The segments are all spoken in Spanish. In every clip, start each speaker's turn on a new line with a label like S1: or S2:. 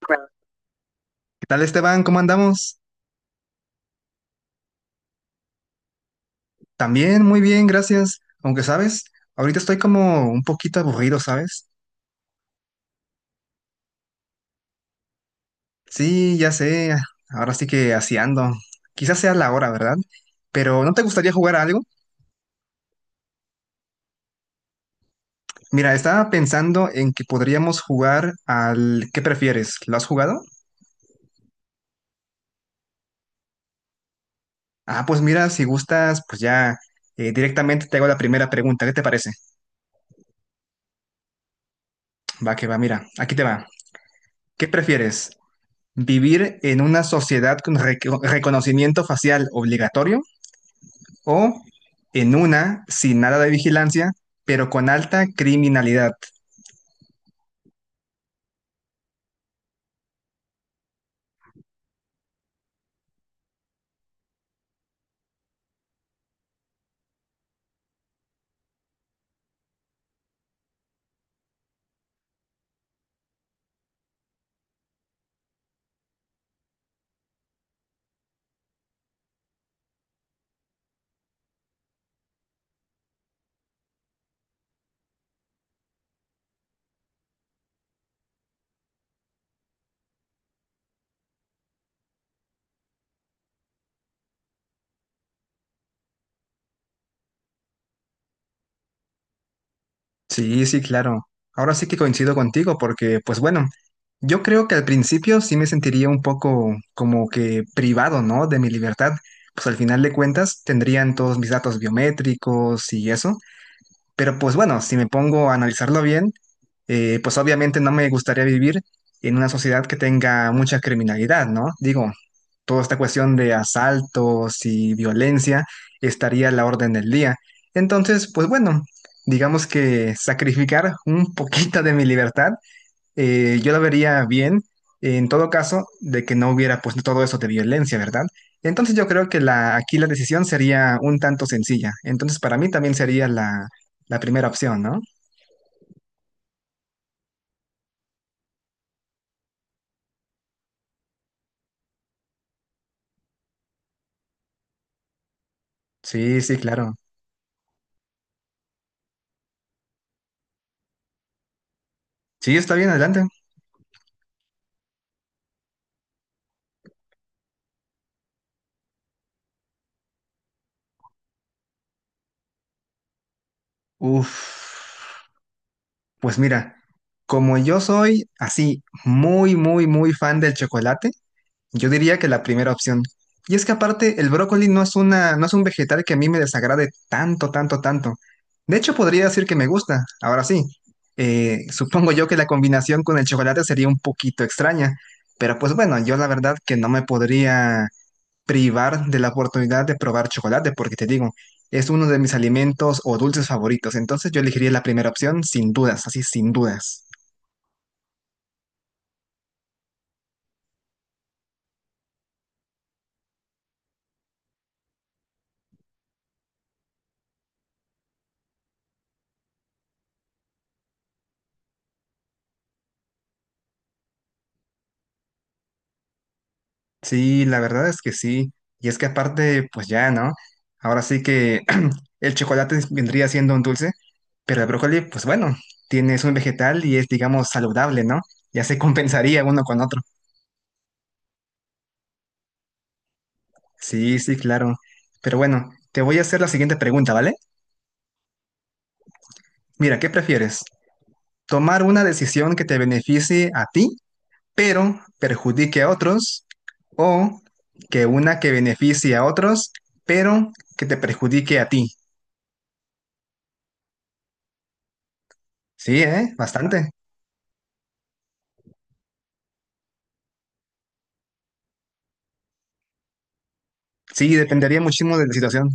S1: ¿Qué tal, Esteban? ¿Cómo andamos? También, muy bien, gracias. Aunque, ¿sabes? Ahorita estoy como un poquito aburrido, ¿sabes? Sí, ya sé. Ahora sí que así ando. Quizás sea la hora, ¿verdad? Pero ¿no te gustaría jugar a algo? Mira, estaba pensando en que podríamos jugar al ¿qué prefieres? ¿Lo has jugado? Ah, pues mira, si gustas, pues ya directamente te hago la primera pregunta. ¿Qué te parece? Va que va, mira, aquí te va. ¿Qué prefieres? ¿Vivir en una sociedad con reconocimiento facial obligatorio o en una sin nada de vigilancia, pero con alta criminalidad? Sí, sí, claro. Ahora sí que coincido contigo porque, pues bueno, yo creo que al principio sí me sentiría un poco como que privado, ¿no? De mi libertad. Pues al final de cuentas tendrían todos mis datos biométricos y eso. Pero pues bueno, si me pongo a analizarlo bien, pues obviamente no me gustaría vivir en una sociedad que tenga mucha criminalidad, ¿no? Digo, toda esta cuestión de asaltos y violencia estaría a la orden del día. Entonces, pues bueno, digamos que sacrificar un poquito de mi libertad yo la vería bien en todo caso de que no hubiera pues todo eso de violencia, ¿verdad? Entonces yo creo que la, aquí la decisión sería un tanto sencilla. Entonces para mí también sería la, la primera opción, ¿no? Sí, sí, claro. Sí, está bien, adelante. Uf, pues mira, como yo soy así muy, muy, muy fan del chocolate, yo diría que la primera opción. Y es que aparte el brócoli no es una, no es un vegetal que a mí me desagrade tanto, tanto, tanto. De hecho, podría decir que me gusta. Ahora sí, supongo yo que la combinación con el chocolate sería un poquito extraña. Pero pues bueno, yo la verdad que no me podría privar de la oportunidad de probar chocolate, porque te digo, es uno de mis alimentos o dulces favoritos. Entonces yo elegiría la primera opción sin dudas, así sin dudas. Sí, la verdad es que sí. Y es que aparte, pues ya, ¿no? Ahora sí que el vendría siendo un dulce, pero el brócoli, pues bueno, tienes un vegetal y es, digamos, saludable, ¿no? Ya se compensaría uno con otro. Sí, sí, claro. Pero bueno, te voy a hacer la siguiente pregunta, ¿vale? Mira, ¿qué prefieres? ¿Tomar una decisión que te beneficie a ti, pero perjudique a otros? ¿O que una que beneficie a otros, pero que te perjudique a ti? Sí, ¿eh? Bastante. Sí, dependería muchísimo de la situación.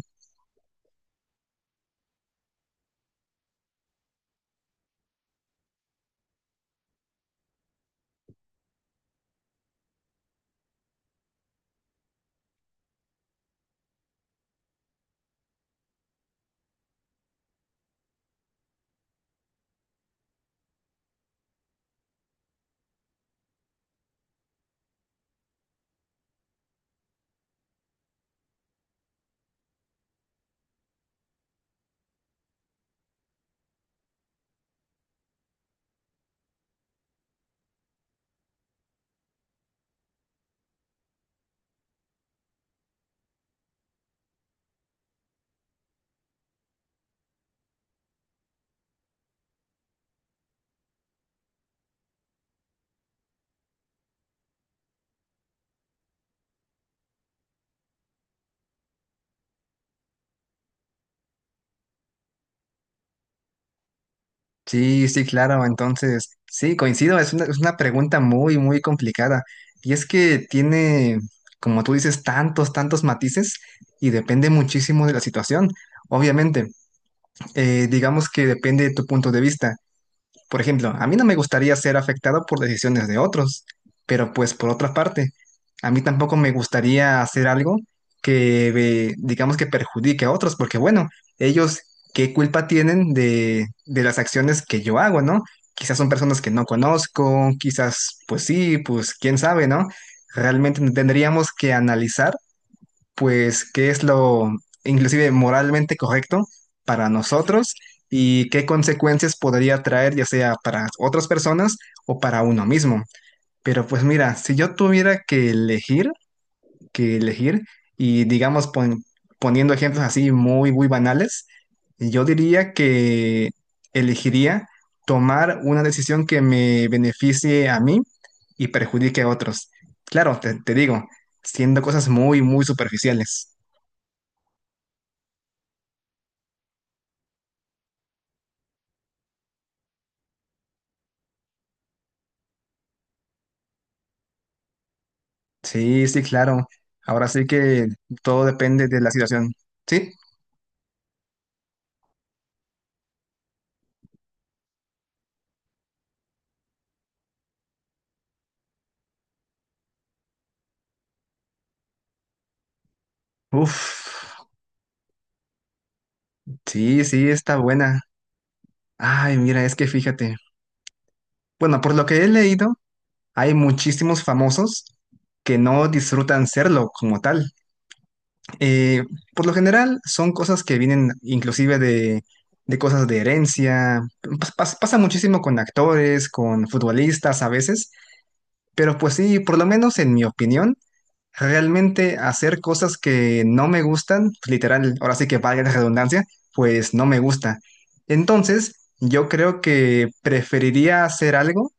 S1: Sí, sí, claro. Entonces, sí, coincido. Es una pregunta muy, muy complicada. Y es que tiene, como tú dices, tantos, tantos matices y depende muchísimo de la situación. Obviamente, digamos que depende de tu punto de vista. Por ejemplo, a mí no me gustaría ser afectado por decisiones de otros, pero pues por otra parte, a mí tampoco me gustaría hacer algo que, digamos que perjudique a otros, porque bueno, ellos qué culpa tienen de las acciones que yo hago, ¿no? Quizás son personas que no conozco, quizás pues sí, pues quién sabe, ¿no? Realmente tendríamos que analizar pues qué es lo inclusive moralmente correcto para nosotros y qué consecuencias podría traer ya sea para otras personas o para uno mismo. Pero pues mira, si yo tuviera que elegir y digamos poniendo ejemplos así muy, muy banales, yo diría que elegiría tomar una decisión que me beneficie a mí y perjudique a otros. Claro, te digo, siendo cosas muy, muy superficiales. Sí, sí, claro. Ahora sí que todo depende de la situación. ¿Sí? Uf, sí, sí, está buena. Ay, mira, es que fíjate. Bueno, por lo que he leído, hay muchísimos famosos que no disfrutan serlo como tal. Eh, por lo general, son cosas que vienen inclusive de cosas de herencia. Pasa muchísimo con actores, con futbolistas a veces. Pero pues sí, por lo menos en mi opinión. Realmente hacer cosas que no me gustan, literal, ahora sí que valga la redundancia, pues no me gusta. Entonces, yo creo que preferiría hacer algo,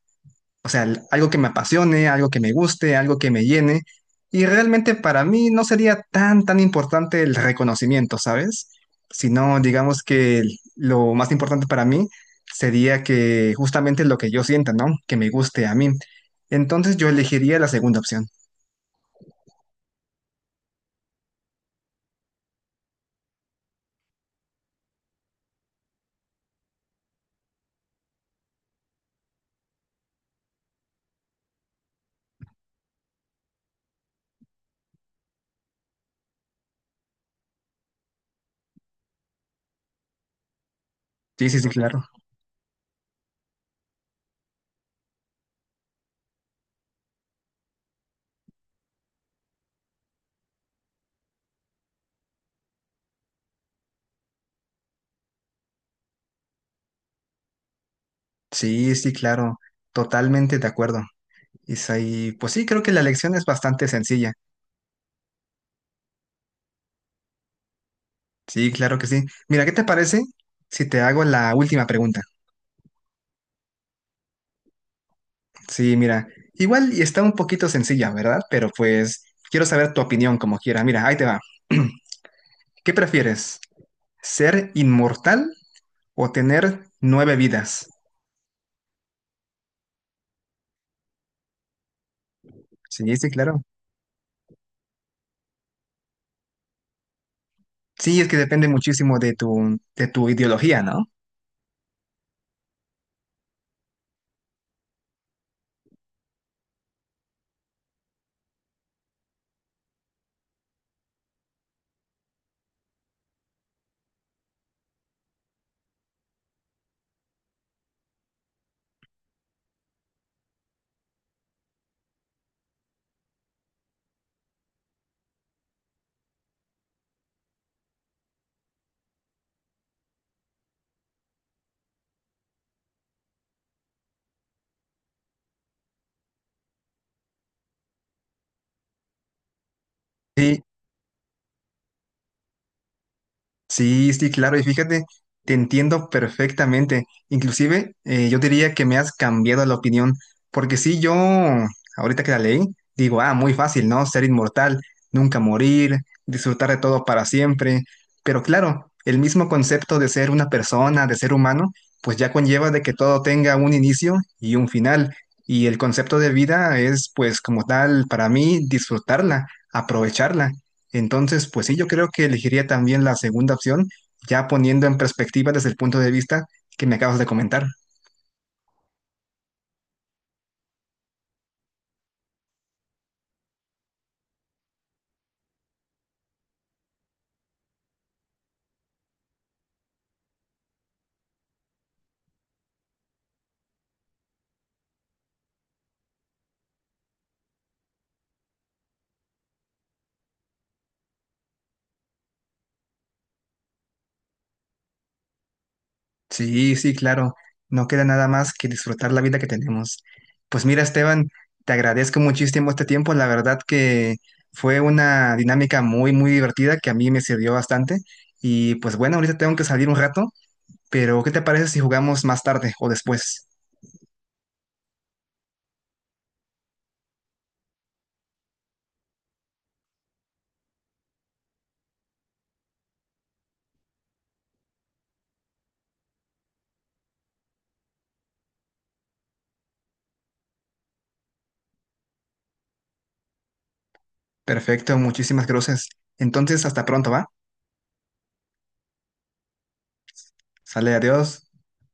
S1: o sea, algo que me apasione, algo que me guste, algo que me llene. Y realmente para mí no sería tan, tan importante el reconocimiento, ¿sabes? Sino, digamos que lo más importante para mí sería que justamente lo que yo sienta, ¿no? Que me guste a mí. Entonces, yo elegiría la segunda opción. Sí, sí, sí, claro. Sí, sí, claro, totalmente de acuerdo. Isaí, pues sí, creo que la lección es bastante sencilla. Sí, claro que sí. Mira, ¿qué te parece si te hago la última pregunta? Sí, mira, igual y está un poquito sencilla, ¿verdad? Pero pues quiero saber tu opinión como quiera. Mira, ahí te va. ¿Qué prefieres? ¿Ser inmortal o tener nueve vidas? Sí, sí, claro. Sí, es que depende muchísimo de tu ideología, ¿no? Sí. Sí, sí, claro, y fíjate, te entiendo perfectamente. Inclusive, yo diría que me has cambiado la opinión, porque sí, yo, ahorita que la leí, digo, ah, muy fácil, ¿no? Ser inmortal, nunca morir, disfrutar de todo para siempre. Pero claro, el mismo concepto de ser una persona, de ser humano, pues ya conlleva de que todo tenga un inicio y un final. Y el concepto de vida es, pues, como tal, para mí, disfrutarla, aprovecharla. Entonces, pues sí, yo creo que elegiría también la segunda opción, ya poniendo en perspectiva desde el punto de vista que me acabas de comentar. Sí, sí, claro, no queda nada más que disfrutar la vida que tenemos. Pues mira, Esteban, te agradezco muchísimo este tiempo, la verdad que fue una dinámica muy, muy divertida que a mí me sirvió bastante. Y pues bueno, ahorita tengo que salir un rato, pero ¿qué te parece si jugamos más tarde o después? Perfecto, muchísimas gracias. Entonces, hasta pronto, ¿va? Sale, adiós.